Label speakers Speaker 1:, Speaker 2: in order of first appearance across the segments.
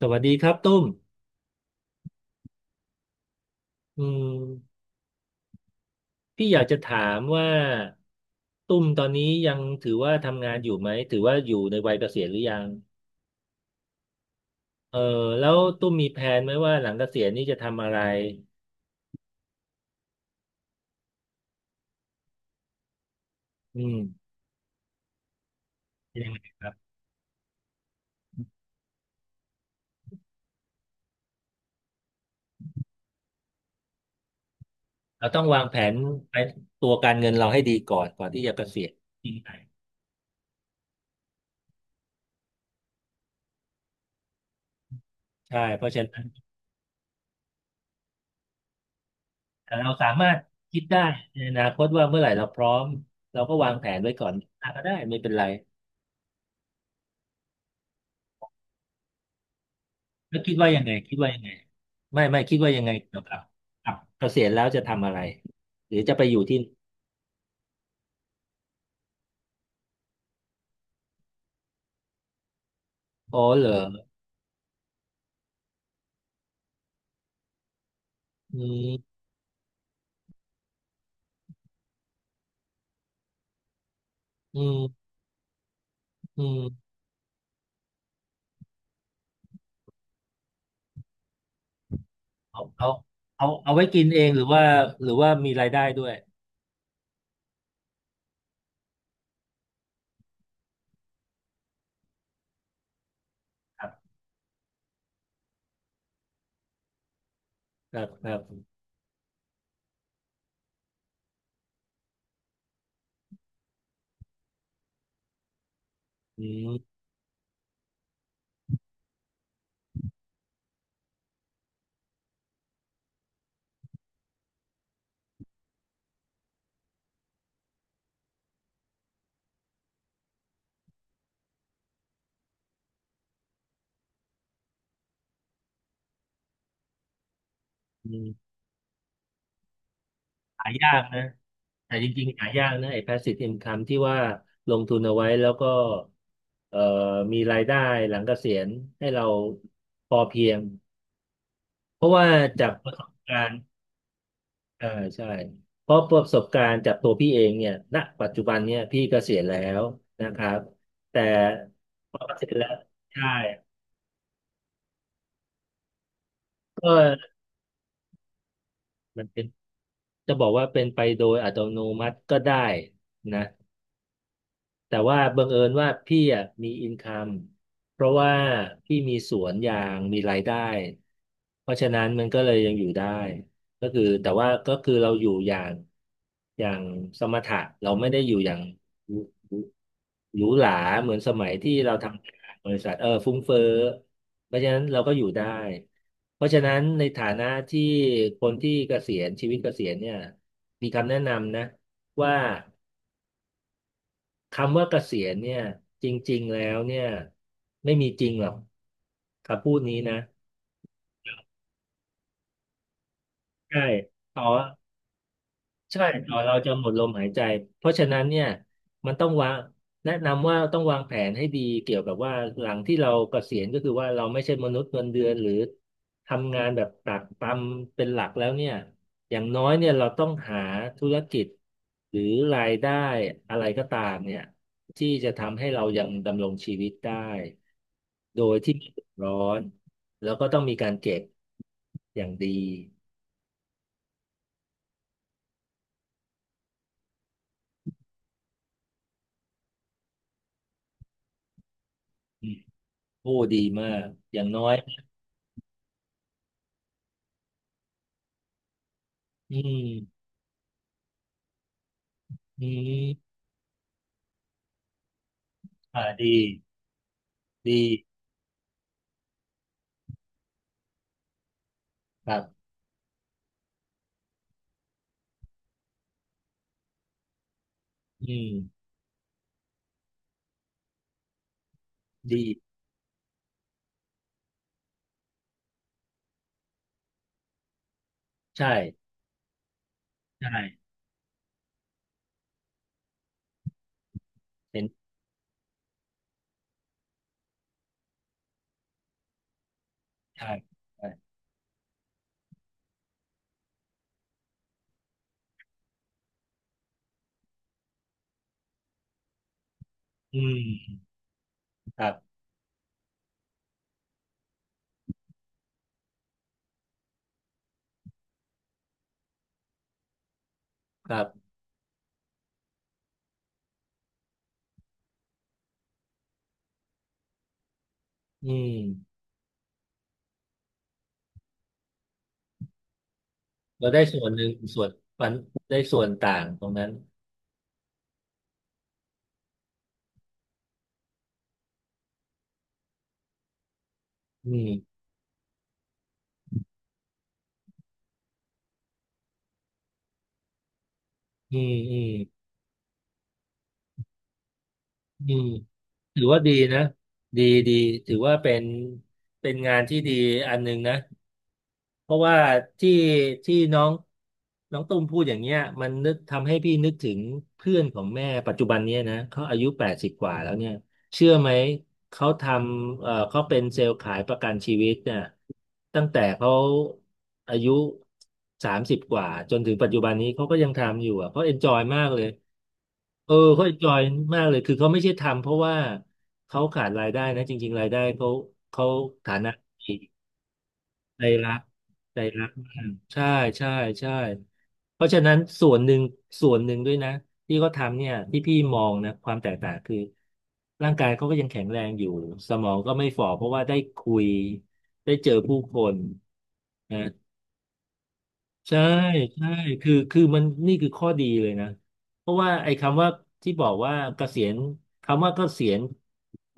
Speaker 1: สวัสดีครับตุ้มอืมพี่อยากจะถามว่าตุ้มตอนนี้ยังถือว่าทำงานอยู่ไหมถือว่าอยู่ในวัยเกษียณหรือยังเออแล้วตุ้มมีแผนไหมว่าหลังเกษียณนี่จะทำอะไรอืมเป็นยังไงครับเราต้องวางแผนไปตัวการเงินเราให้ดีก่อนก่อนที่จะเกษียณจริงไหมใช่เพราะฉะนั้นแต่เราสามารถคิดได้ในอนาคตว่าเมื่อไหร่เราพร้อมเราก็วางแผนไว้ก่อนก็ได้ไม่เป็นไร แล้วคิดว่ายังไงคิดว่ายังไงไม่คิดว่ายังไงเกี่ยวกับกับเกษียณแล้วจะทำอะไรหรือจะไปอยู่ที่อ๋อเหรออืมอืมอืมเอาเอาเอาไว้กินเองหรือว่าหรือว่ามีรายได้ด้วยครับครับครับอืมอืมหายากนะแต่จริงๆหายากนะไอ้ passive income ที่ว่าลงทุนเอาไว้แล้วก็เอ่อมีรายได้หลังเกษียณให้เราพอเพียงเพราะว่าจากประสบการณ์ อ่าใช่เพราะประสบการณ์จากตัวพี่เองเนี่ยณปัจจุบันเนี่ยพี่เกษียณแล้วนะครับแต่พอเกษียณแล้วใช่ก็มันเป็นจะบอกว่าเป็นไปโดยอัตโนมัติก็ได้นะ แต่ว่าบังเอิญว่าพี่อ่ะมีอินคัมเพราะว่าพี่มีสวนยางมีรายได้เพราะฉะนั้นมันก็เลยยังอยู่ได้ก็คือแต่ว่าก็คือเราอยู่อย่างอย่างสมถะเราไม่ได้อยู่อย่างหรูหรูหราเหมือนสมัยที่เราทำบริษัทฟุ้งเฟ้อเพราะฉะนั้นเราก็อยู่ได้เพราะฉะนั้นในฐานะที่คนที่เกษียณชีวิตเกษียณเนี่ยมีคำแนะนำนะว่า คำว่าเกษียณเนี่ยจริงๆแล้วเนี่ยไม่มีจริงหรอกคำพูดนี้นะใช่ต่อ ใช่ก่อนเราจะหมดลมหายใจ เพราะฉะนั้นเนี่ยมันต้องวางแนะนำว่าต้องวางแผนให้ดีเกี่ยวกับว่าหลังที่เราเกษียณก็คือว่าเราไม่ใช่มนุษย์เงินเดือนหรือทำงานแบบตากตำเป็นหลักแล้วเนี่ยอย่างน้อยเนี่ยเราต้องหาธุรกิจหรือรายได้อะไรก็ตามเนี่ยที่จะทำให้เรายังดำรงชีวิตได้โดยที่ไม่เดือดร้อนแล้วก็ต้องมีการเก็บอย่างดีอืมโอ้ดีมากอย่างน้อย อืมอืมอ่าดีดีครับอืมดีใช่ใช่เห็นใช่ใช่อืมครับครับอืมเราได้ส่วนหนึ่งส่วนปันได้ส่วนต่างตรงนั้นอืมอืมอืมอืมถือว่าดีนะดีดีถือว่าเป็นเป็นงานที่ดีอันหนึ่งนะ เพราะว่าที่ที่น้องน้องตุ้มพูดอย่างเงี้ยมันนึกทำให้พี่นึกถึงเพื่อนของแม่ปัจจุบันเนี้ยนะเขาอายุแปดสิบกว่าแล้วเนี่ยเชื่อไหมเขาทำเขาเป็นเซลล์ขายประกันชีวิตเนี่ยตั้งแต่เขาอายุสามสิบกว่าจนถึงปัจจุบันนี้เขาก็ยังทำอยู่อ่ะเขาเอนจอยมากเลยเออเขา Enjoy มากเลยคือเขาไม่ใช่ทำเพราะว่าเขาขาดรายได้นะจริงๆรายได้เขาเขาฐานะดีใจรักใจรัก ใช่ใช่ใช่เพราะฉะนั้นส่วนหนึ่งส่วนหนึ่งด้วยนะที่เขาทำเนี่ยที่พี่มองนะความแตกต่างคือร่างกายเขาก็ยังแข็งแรงอยู่สมองก็ไม่ฝ่อเพราะว่าได้คุยได้เจอผู้คนนะใช่ใช่คือคือมันนี่คือข้อดีเลยนะเพราะว่าไอ้คำว่าที่บอกว่าเกษียณคำว่าเกษียณ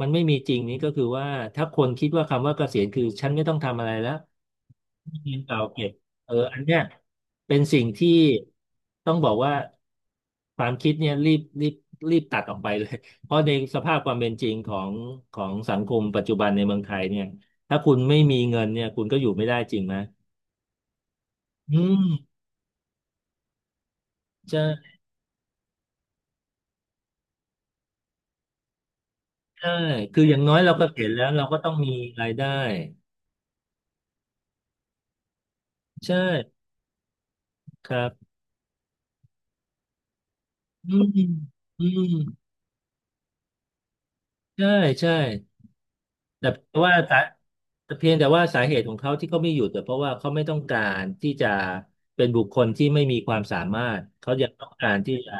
Speaker 1: มันไม่มีจริงนี้ก็คือว่าถ้าคนคิดว่าคำว่าเกษียณคือฉันไม่ต้องทำอะไรแล้ว ที่ดินเก่าเก็บอันเนี้ยเป็นสิ่งที่ต้องบอกว่าความคิดเนี่ยรีบตัดออกไปเลย เพราะในสภาพความเป็นจริงของของสังคมปัจจุบันในเมืองไทยเนี่ยถ้าคุณไม่มีเงินเนี่ยคุณก็อยู่ไม่ได้จริงไหมอืมใช่ใช่คืออย่างน้อยเราก็เห็นแล้วเราก็ต้องมีรายได้ใช่ครับอืมอืมใช่ใช่ แต่เพราะว่าสาแต่เพียงแต่ว่าสาเหตุของเขาที่เขาไม่หยุดแต่เพราะว่าเขาไม่ต้องการที่จะเป็นบุคคลที่ไม่มีความสามารถเขายังต้องการที่จะ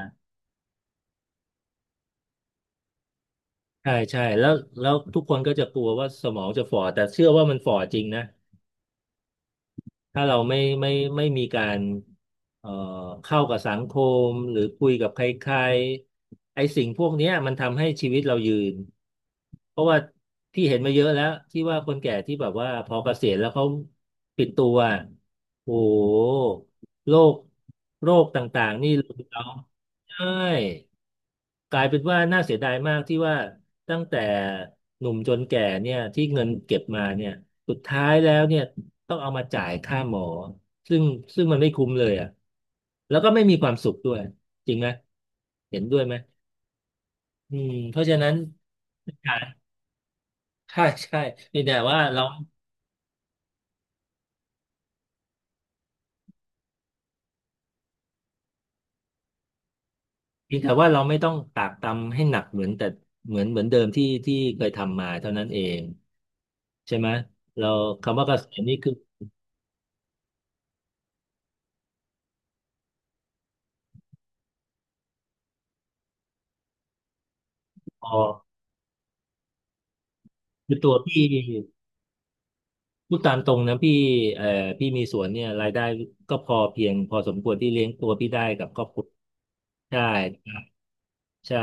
Speaker 1: ใช่ใช่แล้วแล้วทุกคนก็จะกลัวว่าสมองจะฝ่อแต่เชื่อว่ามันฝ่อจริงนะ ถ้าเราไม่มีการเอ่อเข้ากับสังคมหรือคุยกับใครๆไอ้สิ่งพวกเนี้ยมันทำให้ชีวิตเรายืนเพราะว่าพี่เห็นมาเยอะแล้วที่ว่าคนแก่ที่แบบว่าพอเกษียณแล้วเขาปิดตัวโอ้โหโรคโรคต่างๆนี่รุมเราใช่กลายเป็นว่าน่าเสียดายมากที่ว่าตั้งแต่หนุ่มจนแก่เนี่ยที่เงินเก็บมาเนี่ย สุดท้ายแล้วเนี่ยต้องเอามาจ่ายค่าหมอซึ่งซึ่งมันไม่คุ้มเลยอ่ะแล้วก็ไม่มีความสุขด้วยจริงไหมเห็นด้วยไหมอืมเพราะฉะนั้นใช่ใช่เพียงแต่ว่าเราเพียงแต่ว่าเราไม่ต้องตากตำให้หนักเหมือนแต่เหมือนเหมือนเดิมที่ที่เคยทำมาเท่านั้นเองใช่ไหมเราคำว่าเกษียณนี่คือพอคือตัวพี่ พูดตามตรงนะพี่เอ่อพี่มีสวนเนี่ยรายได้ก็พอเพียงพอสมควรที่เลี้ยงตัวพี่ได้กับครอบครัวใช่ใช่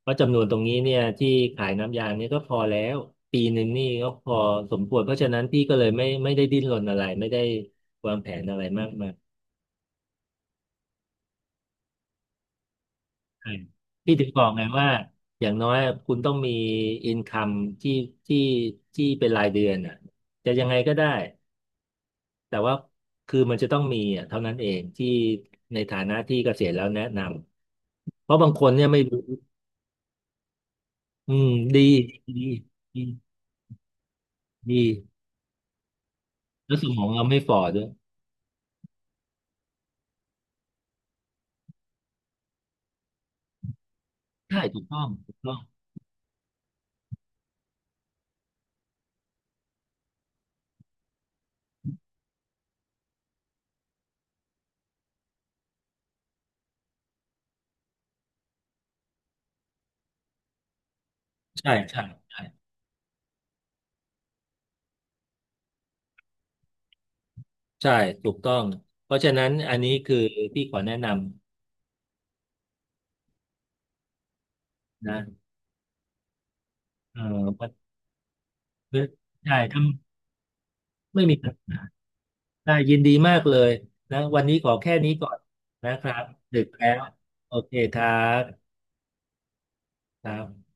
Speaker 1: เพราะจำนวนตรงนี้เนี่ยที่ขายน้ำยางเนี่ยก็พอแล้วปีหนึ่งนี่ก็พอสมควรเพราะฉะนั้นพี่ก็เลยไม่ได้ดิ้นรนอะไรไม่ได้วางแผนอะไรมากมายใช่พี่ถึงบอกไงว่าอย่างน้อยคุณต้องมีอินคัมที่ที่ที่เป็นรายเดือนอ่ะจะยังไงก็ได้ แต่ว่าคือมันจะต้องมีอ่ะเท่านั้นเองที่ในฐานะที่เกษียณแล้วแนะนำเพราะบางคนเนี่ยไม่รู้อืมดีดีดีดีแล้วสมองเราไม่ฝ่อด้วยใช่ถูกต้องถูกต้องใช่ใช่ใช่ใช่ถูกต้องเพราะฉะนั้นอันนี้คือพี่ขอแนะนำนะเออวันใช่ทำไม่มีปัญหาได้ยินดีมากเลยนะวันนี้ขอแค่นี้ก่อนนะครับดึกแล้วโอเคครับครับ